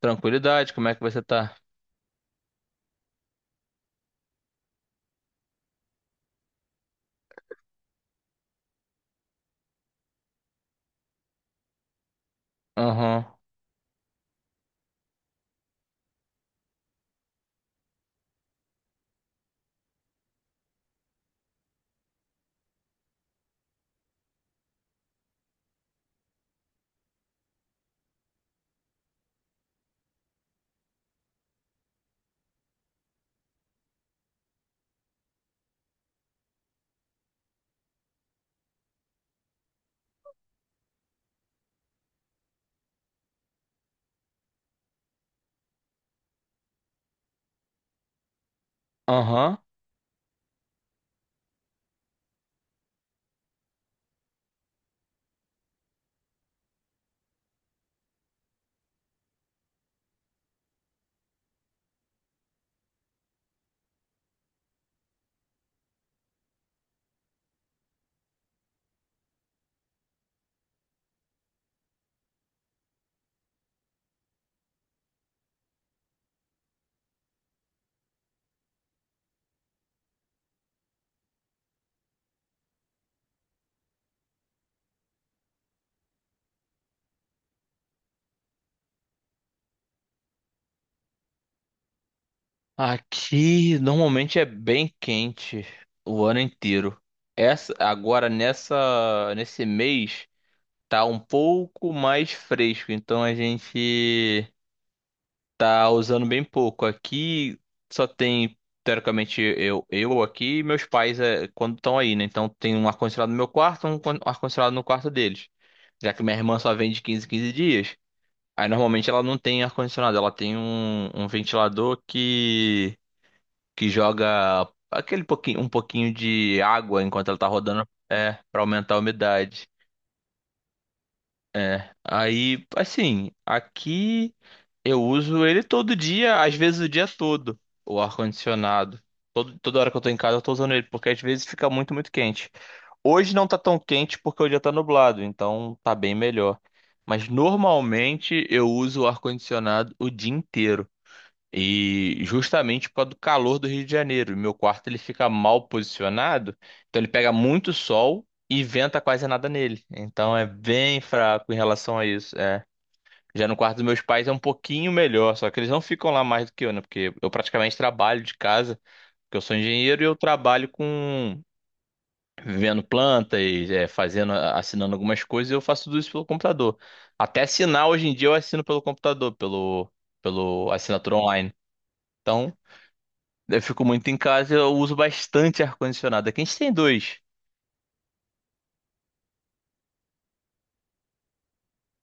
Tranquilidade, como é que você tá? Aham, aham. Aqui normalmente é bem quente o ano inteiro. Nesse mês tá um pouco mais fresco, então a gente tá usando bem pouco. Aqui só tem, teoricamente, eu aqui e meus pais é, quando estão aí, né? Então tem um ar-condicionado no meu quarto, ar-condicionado no quarto deles. Já que minha irmã só vem de 15 em 15 dias. Aí normalmente ela não tem ar-condicionado, ela tem um ventilador que joga um pouquinho de água enquanto ela tá rodando, para aumentar a umidade. É. Aí, assim, aqui eu uso ele todo dia, às vezes o dia todo, o ar-condicionado. Toda hora que eu tô em casa eu tô usando ele, porque às vezes fica muito, muito quente. Hoje não tá tão quente porque o dia tá nublado, então tá bem melhor. Mas normalmente eu uso o ar-condicionado o dia inteiro. E justamente por causa do calor do Rio de Janeiro. E meu quarto ele fica mal posicionado, então ele pega muito sol e venta quase nada nele. Então é bem fraco em relação a isso. Já no quarto dos meus pais é um pouquinho melhor, só que eles não ficam lá mais do que eu, né? Porque eu praticamente trabalho de casa, porque eu sou engenheiro e eu trabalho com vendo plantas, fazendo, assinando algumas coisas, e eu faço tudo isso pelo computador. Até assinar hoje em dia eu assino pelo computador, pelo assinatura online. Então, eu fico muito em casa, eu uso bastante ar-condicionado. Aqui a gente tem dois.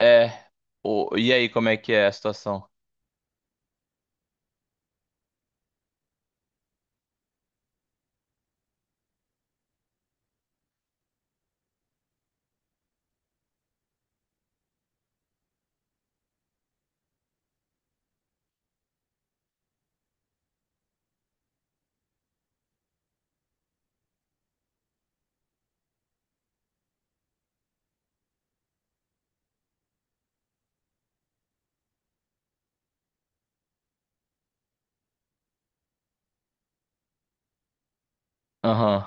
É. E aí, como é que é a situação? Aham.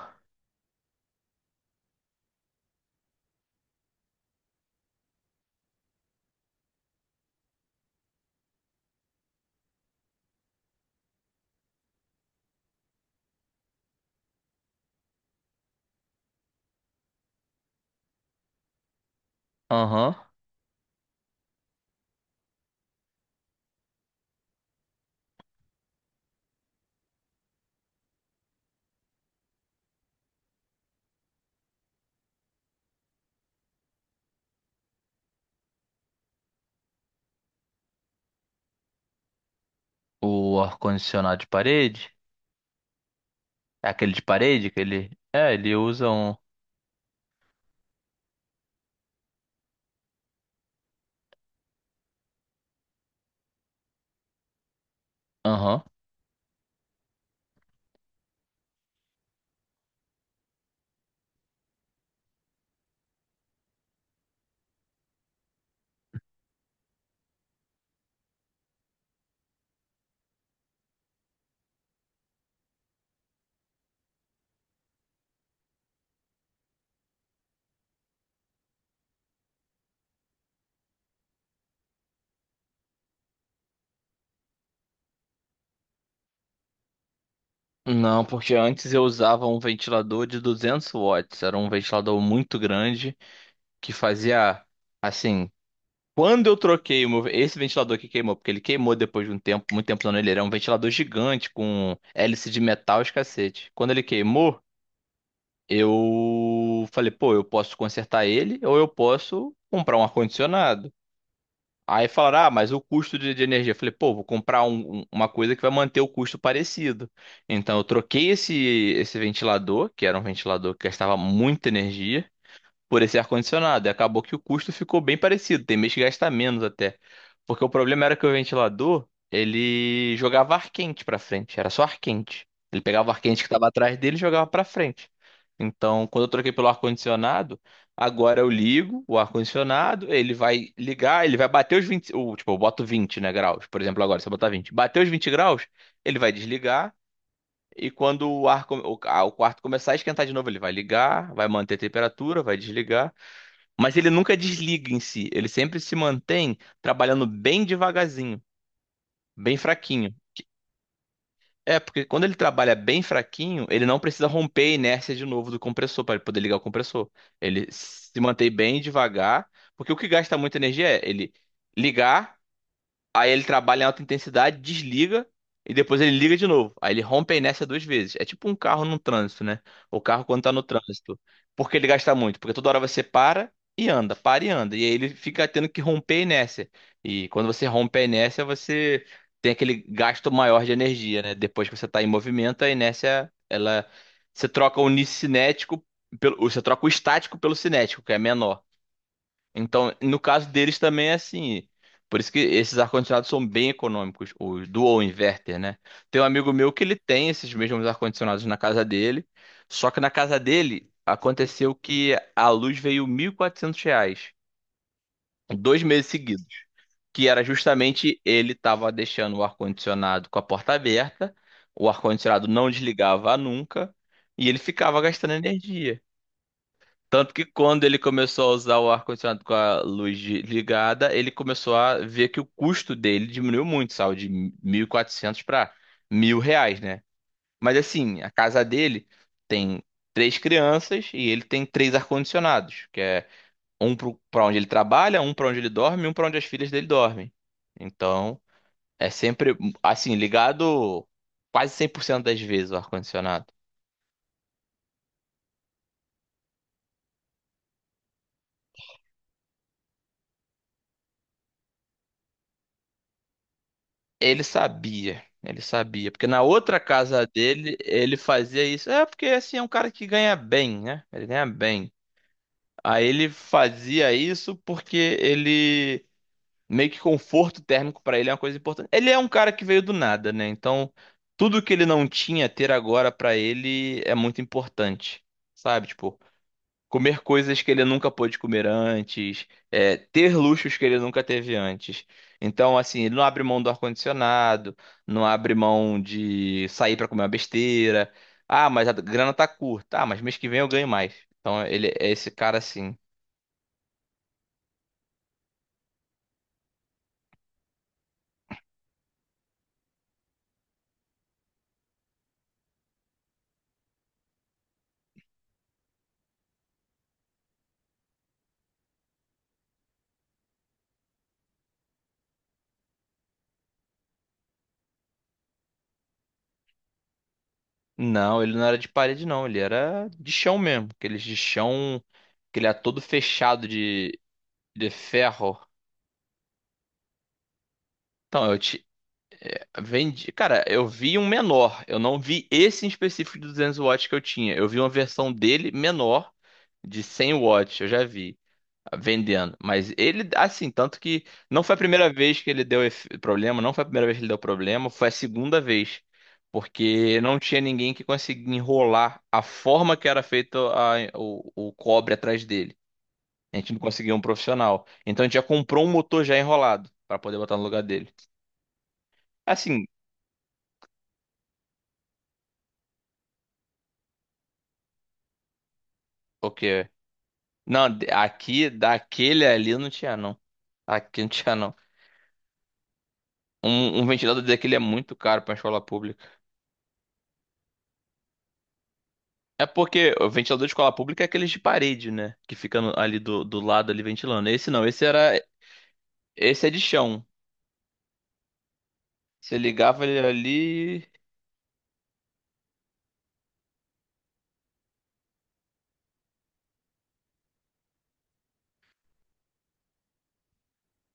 Aham. O ar-condicionado de parede? É aquele de parede que ele. É, ele usa um. Aham. Não, porque antes eu usava um ventilador de 200 watts. Era um ventilador muito grande que fazia, assim. Quando eu troquei esse ventilador que queimou, porque ele queimou depois de um tempo, muito tempo usando ele, era um ventilador gigante com hélice de metal e os cacete. Quando ele queimou, eu falei, pô, eu posso consertar ele ou eu posso comprar um ar-condicionado. Aí falaram, ah, mas o custo de energia. Eu falei, pô, vou comprar uma coisa que vai manter o custo parecido. Então eu troquei esse ventilador, que era um ventilador que gastava muita energia por esse ar-condicionado. E acabou que o custo ficou bem parecido. Tem mês que gasta menos até. Porque o problema era que o ventilador, ele jogava ar quente pra frente. Era só ar quente. Ele pegava o ar quente que estava atrás dele e jogava pra frente. Então, quando eu troquei pelo ar-condicionado, agora eu ligo o ar-condicionado, ele vai ligar, ele vai bater os vinte, tipo, eu boto 20, né, graus, por exemplo, agora, se eu botar 20 bater os 20 graus, ele vai desligar, e quando o ar, o quarto começar a esquentar de novo, ele vai ligar, vai manter a temperatura, vai desligar, mas ele nunca desliga em si, ele sempre se mantém trabalhando bem devagarzinho, bem fraquinho. É, porque quando ele trabalha bem fraquinho, ele não precisa romper a inércia de novo do compressor para poder ligar o compressor. Ele se mantém bem devagar, porque o que gasta muita energia é ele ligar. Aí ele trabalha em alta intensidade, desliga e depois ele liga de novo. Aí ele rompe a inércia duas vezes. É tipo um carro no trânsito, né? O carro quando tá no trânsito. Por que ele gasta muito? Porque toda hora você para e anda, para e anda. E aí ele fica tendo que romper a inércia. E quando você rompe a inércia, você tem aquele gasto maior de energia, né? Depois que você tá em movimento, a inércia, ela. Você troca o cinético pelo. Você troca o estático pelo cinético, que é menor. Então, no caso deles também é assim. Por isso que esses ar-condicionados são bem econômicos, os dual inverter, né? Tem um amigo meu que ele tem esses mesmos ar-condicionados na casa dele, só que na casa dele aconteceu que a luz veio R$ 1.400, dois meses seguidos, que era justamente ele estava deixando o ar-condicionado com a porta aberta, o ar-condicionado não desligava nunca, e ele ficava gastando energia. Tanto que quando ele começou a usar o ar-condicionado com a luz ligada, ele começou a ver que o custo dele diminuiu muito, saiu de 1.400 para R$ 1.000, né? Mas assim, a casa dele tem três crianças e ele tem três ar-condicionados, que é um para onde ele trabalha, um para onde ele dorme e um para onde as filhas dele dormem. Então, é sempre, assim, ligado quase 100% das vezes o ar-condicionado. Ele sabia, porque na outra casa dele ele fazia isso. É porque assim é um cara que ganha bem, né? Ele ganha bem. Aí ele fazia isso porque ele meio que conforto térmico pra ele é uma coisa importante. Ele é um cara que veio do nada, né? Então tudo que ele não tinha ter agora pra ele é muito importante, sabe? Tipo, comer coisas que ele nunca pôde comer antes, ter luxos que ele nunca teve antes. Então, assim, ele não abre mão do ar-condicionado, não abre mão de sair para comer uma besteira. Ah, mas a grana tá curta. Ah, mas mês que vem eu ganho mais. Então, ele é esse cara assim. Não, ele não era de parede, não. Ele era de chão mesmo. Aqueles de chão, que ele era todo fechado de ferro. Então, vendi, cara, eu vi um menor. Eu não vi esse em específico de 200 watts que eu tinha. Eu vi uma versão dele menor, de 100 watts, eu já vi vendendo. Mas ele, assim, tanto que não foi a primeira vez que ele deu problema, não foi a primeira vez que ele deu problema, foi a segunda vez. Porque não tinha ninguém que conseguia enrolar a forma que era feito o cobre atrás dele. A gente não conseguia um profissional. Então a gente já comprou um motor já enrolado para poder botar no lugar dele. Assim, ok. Não, aqui, daquele ali não tinha, não. Aqui não tinha, não. Um ventilador daquele é muito caro pra escola pública. É porque o ventilador de escola pública é aqueles de parede, né? Que fica ali do lado ali ventilando. Esse não, esse era. Esse é de chão. Você ligava ele ali.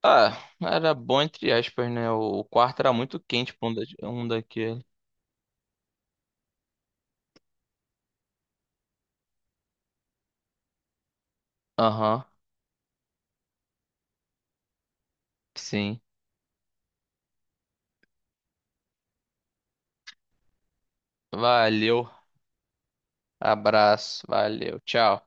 Ah, era bom entre aspas, né? O quarto era muito quente pra um daquele. Aham, sim. Valeu. Abraço. Valeu. Tchau.